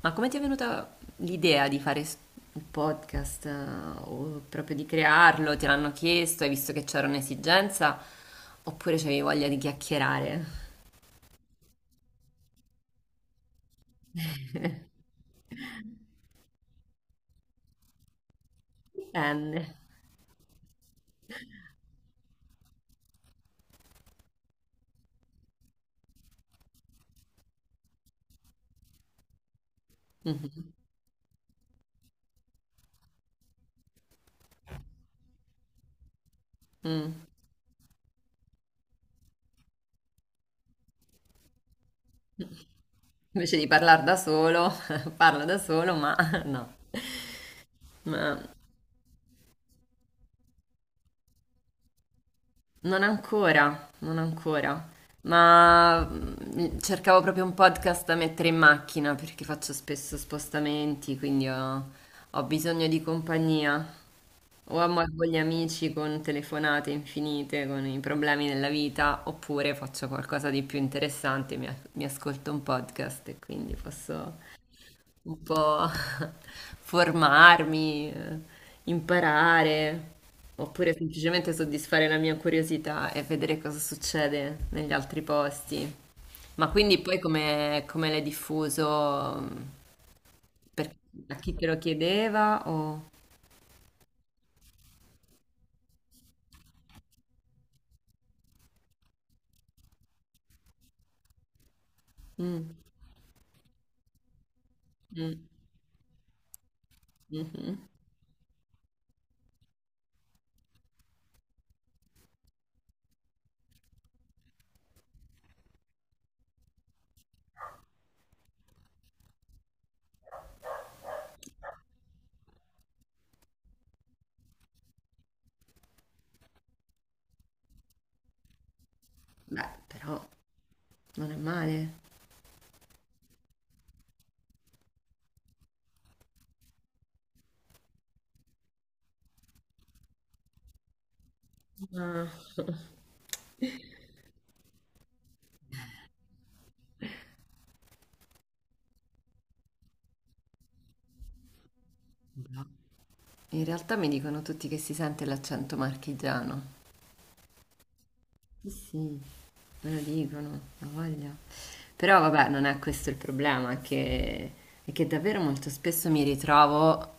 Ma come ti è venuta l'idea di fare un podcast o proprio di crearlo? Te l'hanno chiesto, hai visto che c'era un'esigenza oppure c'avevi voglia di chiacchierare? Dipende. Mhm. Mm. Invece di parlare da solo, parlo da solo, ma no. Non ancora, non ancora, ma cercavo proprio un podcast da mettere in macchina perché faccio spesso spostamenti, quindi ho bisogno di compagnia. O amo con gli amici con telefonate infinite, con i problemi della vita, oppure faccio qualcosa di più interessante, mi ascolto un podcast e quindi posso un po' formarmi, imparare, oppure semplicemente soddisfare la mia curiosità e vedere cosa succede negli altri posti. Ma quindi poi come l'hai diffuso? Per, a chi te lo chiedeva? O... Mm, mm, mhm. Beh, però non è male. Ah. In realtà mi dicono tutti che si sente l'accento marchigiano. Sì, sì, me lo dicono, ha voglia. Però vabbè, non è questo il problema, è che davvero molto spesso mi ritrovo,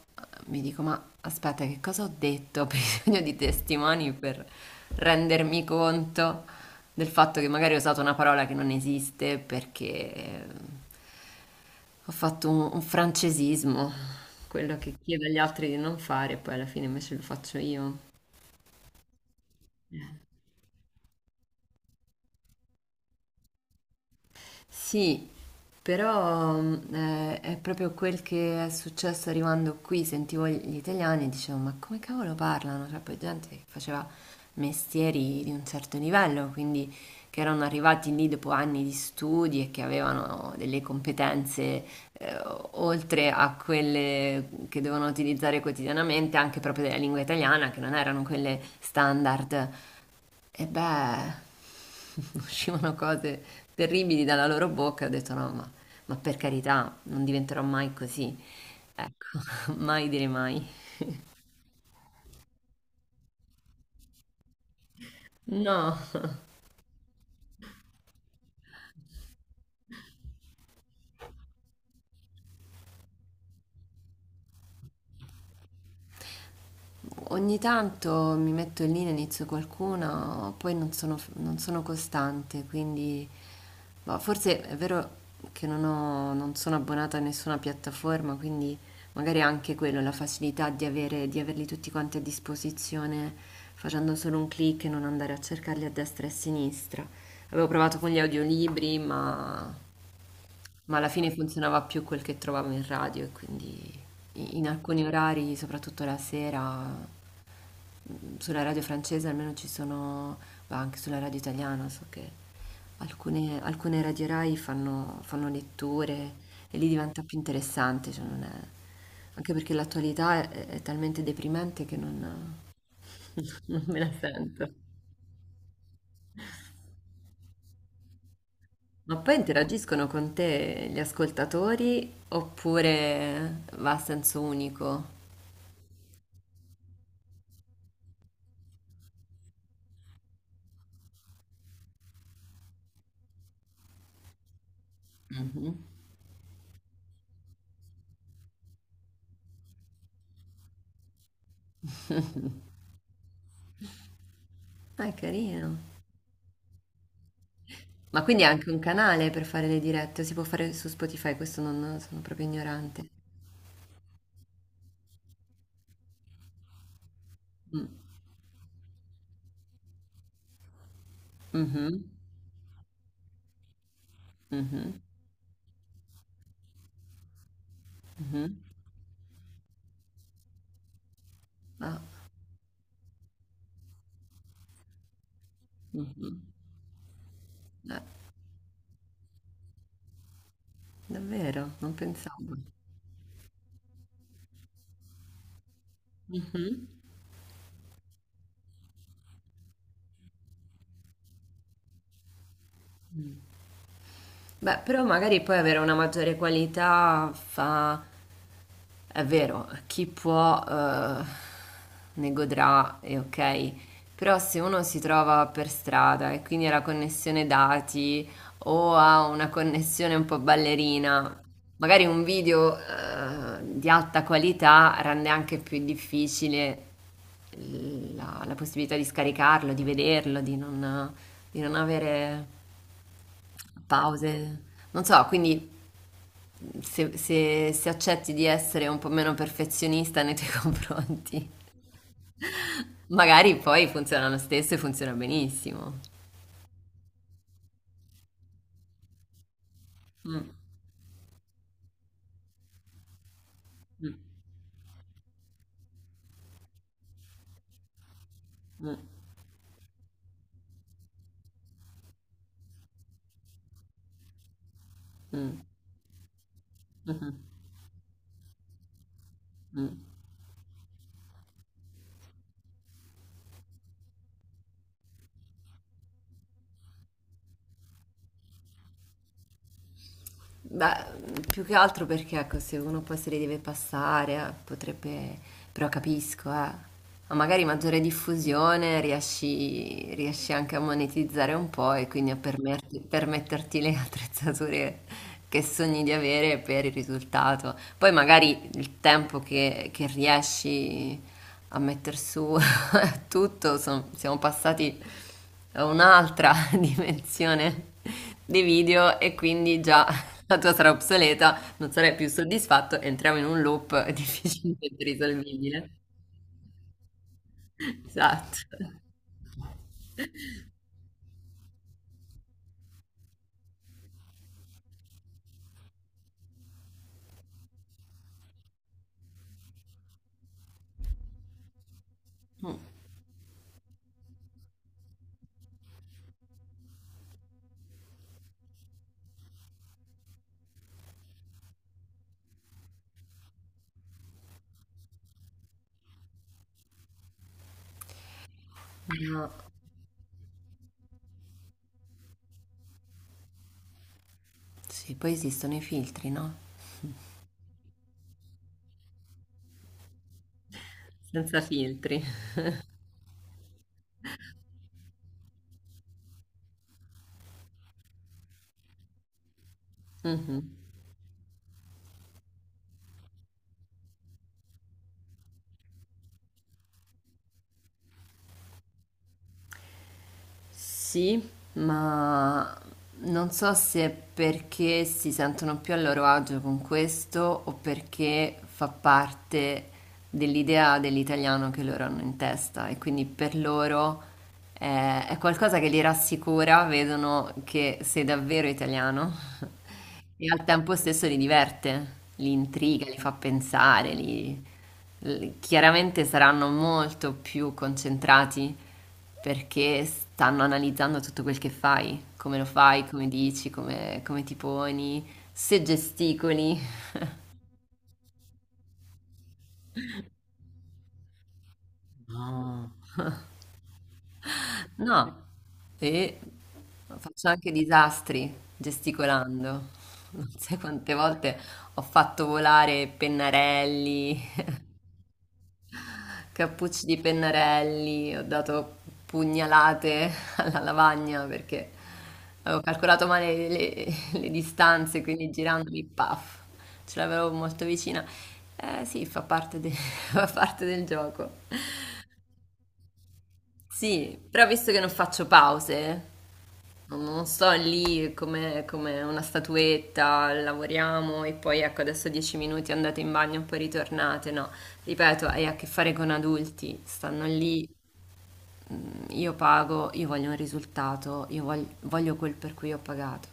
mi dico, ma aspetta, che cosa ho detto? Ho bisogno di testimoni per rendermi conto del fatto che magari ho usato una parola che non esiste perché ho fatto un francesismo, quello che chiedo agli altri di non fare, poi alla fine invece lo faccio io. Sì, però è proprio quel che è successo arrivando qui, sentivo gli italiani e dicevo, ma come cavolo parlano? Cioè, poi gente che faceva mestieri di un certo livello, quindi che erano arrivati lì dopo anni di studi e che avevano delle competenze eh, oltre a quelle che devono utilizzare quotidianamente, anche proprio della lingua italiana, che non erano quelle standard. E beh, uscivano cose terribili dalla loro bocca. Ho detto no, ma per carità, non diventerò mai così. Ecco, mai dire mai. No. Ogni tanto mi metto lì, ne inizio qualcuna, poi non sono costante, quindi ma forse è vero che non sono abbonata a nessuna piattaforma, quindi magari anche quello, la facilità di di averli tutti quanti a disposizione facendo solo un clic e non andare a cercarli a destra e a sinistra. Avevo provato con gli audiolibri, ma alla fine funzionava più quel che trovavo in radio e quindi in alcuni orari, soprattutto la sera sulla radio francese almeno ci sono, ma anche sulla radio italiana, so che alcune radio Rai fanno letture e lì diventa più interessante, cioè non è- anche perché l'attualità è talmente deprimente che non, non me la sento. Ma poi interagiscono con te gli ascoltatori oppure va a senso unico? Mhm. Ah, è carino. Ma quindi è anche un canale per fare le dirette, o si può fare su Spotify? Questo non sono proprio ignorante. Mm. Mhm, mhm, mhm. Ah, mhm. Eh, davvero, non pensavo. Mhm. Beh, però magari poi avere una maggiore qualità fa. È vero, chi può ne godrà, e ok, però se uno si trova per strada e quindi ha la connessione dati o ha una connessione un po' ballerina, magari un video di alta qualità rende anche più difficile la possibilità di scaricarlo, di vederlo, di non avere pause. Non so, quindi se accetti di essere un po' meno perfezionista nei tuoi confronti, magari poi funziona lo stesso e funziona benissimo. Mm, mm, mm, mm, mhm, mm. Beh, più che altro perché, ecco, se uno poi se li deve passare, potrebbe... Però capisco, eh. Ma magari maggiore diffusione riesci anche a monetizzare un po' e quindi a permetterti le attrezzature che sogni di avere per il risultato. Poi magari il tempo che riesci a metter su tutto, siamo passati a un'altra dimensione dei video e quindi già la tua sarà obsoleta, non sarai più soddisfatto, entriamo in un loop difficilmente risolvibile. Esatto. Mm, no. Sì, poi esistono i filtri, no? Senza filtri. Mhm. Sì, ma non so se perché si sentono più a loro agio con questo o perché fa parte dell'idea dell'italiano che loro hanno in testa e quindi per loro è qualcosa che li rassicura, vedono che sei davvero italiano. E al tempo stesso li diverte, li intriga, li fa pensare, chiaramente saranno molto più concentrati perché stanno analizzando tutto quel che fai, come lo fai, come dici, come ti poni, se gesticoli. No, No. E faccio anche disastri gesticolando. Non sai quante volte ho fatto volare pennarelli, cappucci di pennarelli, ho dato pugnalate alla lavagna perché avevo calcolato male le distanze, quindi girandomi, paf, ce l'avevo molto vicina. Eh sì, fa parte del gioco. Sì, però visto che non faccio pause, non sto lì come una statuetta, lavoriamo e poi ecco adesso 10 minuti andate in bagno e poi ritornate, no. Ripeto, hai a che fare con adulti, stanno lì io pago, io voglio un risultato, voglio quel per cui ho pagato.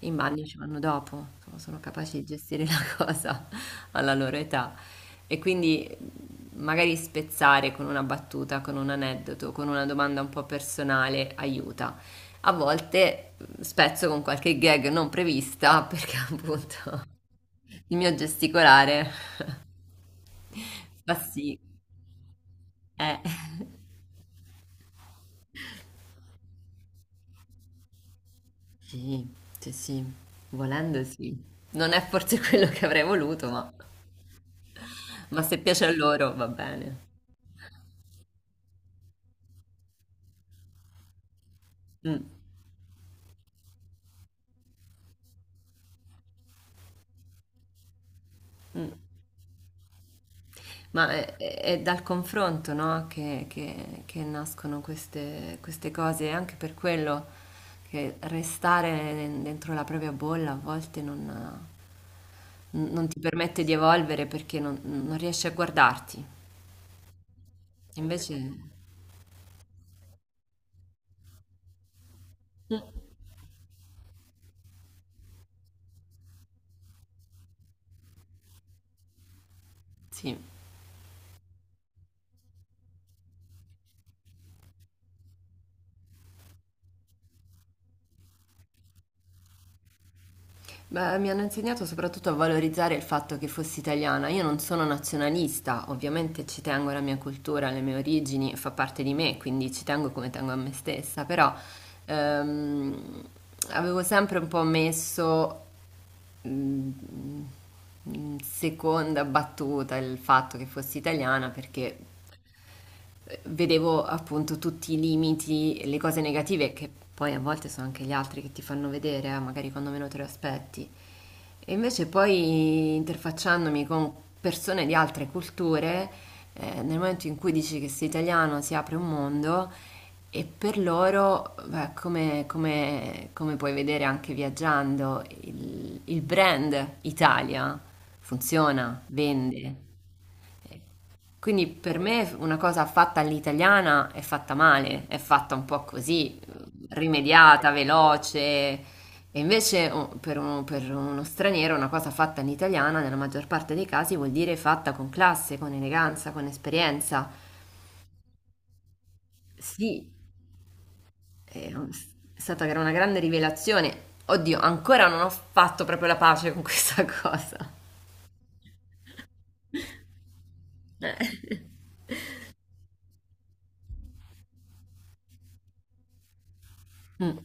I bagni ci vanno dopo, insomma, sono capaci di gestire la cosa alla loro età. E quindi magari spezzare con una battuta, con un aneddoto, con una domanda un po' personale aiuta. A volte spezzo con qualche gag non prevista perché appunto il mio gesticolare fa sì. Eh. Sì, sì, sì, volendo sì. Non è forse quello che avrei voluto, ma se piace a loro va bene. Mm, mm. Ma è dal confronto, no? Che nascono queste cose, e anche per quello che restare dentro la propria bolla a volte non, non ti permette di evolvere perché non riesci a guardarti. Invece, Mm. sì. Beh, mi hanno insegnato soprattutto a valorizzare il fatto che fossi italiana. Io non sono nazionalista, ovviamente ci tengo alla mia cultura, alle mie origini, fa parte di me, quindi ci tengo come tengo a me stessa, però ehm, avevo sempre un po' messo mm, in seconda battuta il fatto che fossi italiana perché vedevo appunto tutti i limiti, le cose negative che poi a volte sono anche gli altri che ti fanno vedere, magari quando meno te lo aspetti. E invece poi interfacciandomi con persone di altre culture, nel momento in cui dici che sei italiano si apre un mondo e per loro, beh, come puoi vedere anche viaggiando, il brand Italia funziona, vende. Quindi per me una cosa fatta all'italiana è fatta male, è fatta un po' così, rimediata, veloce. E invece per uno straniero una cosa fatta all'italiana, nella maggior parte dei casi, vuol dire fatta con classe, con eleganza, con esperienza. Sì, è un- è stata una grande rivelazione. Oddio, ancora non ho fatto proprio la pace con questa cosa. Eh. Mm,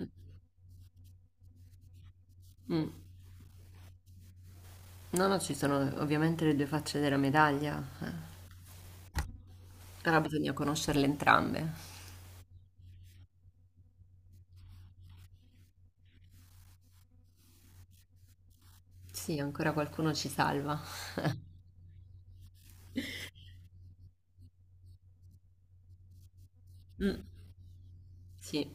mm, mm. No, no, ci sono ovviamente le due facce della medaglia. Allora bisogna conoscerle entrambe. Sì, ancora qualcuno ci salva. Mm, sì,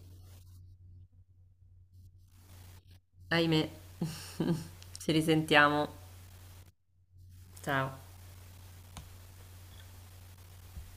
ahimè. Ci risentiamo. Ciao.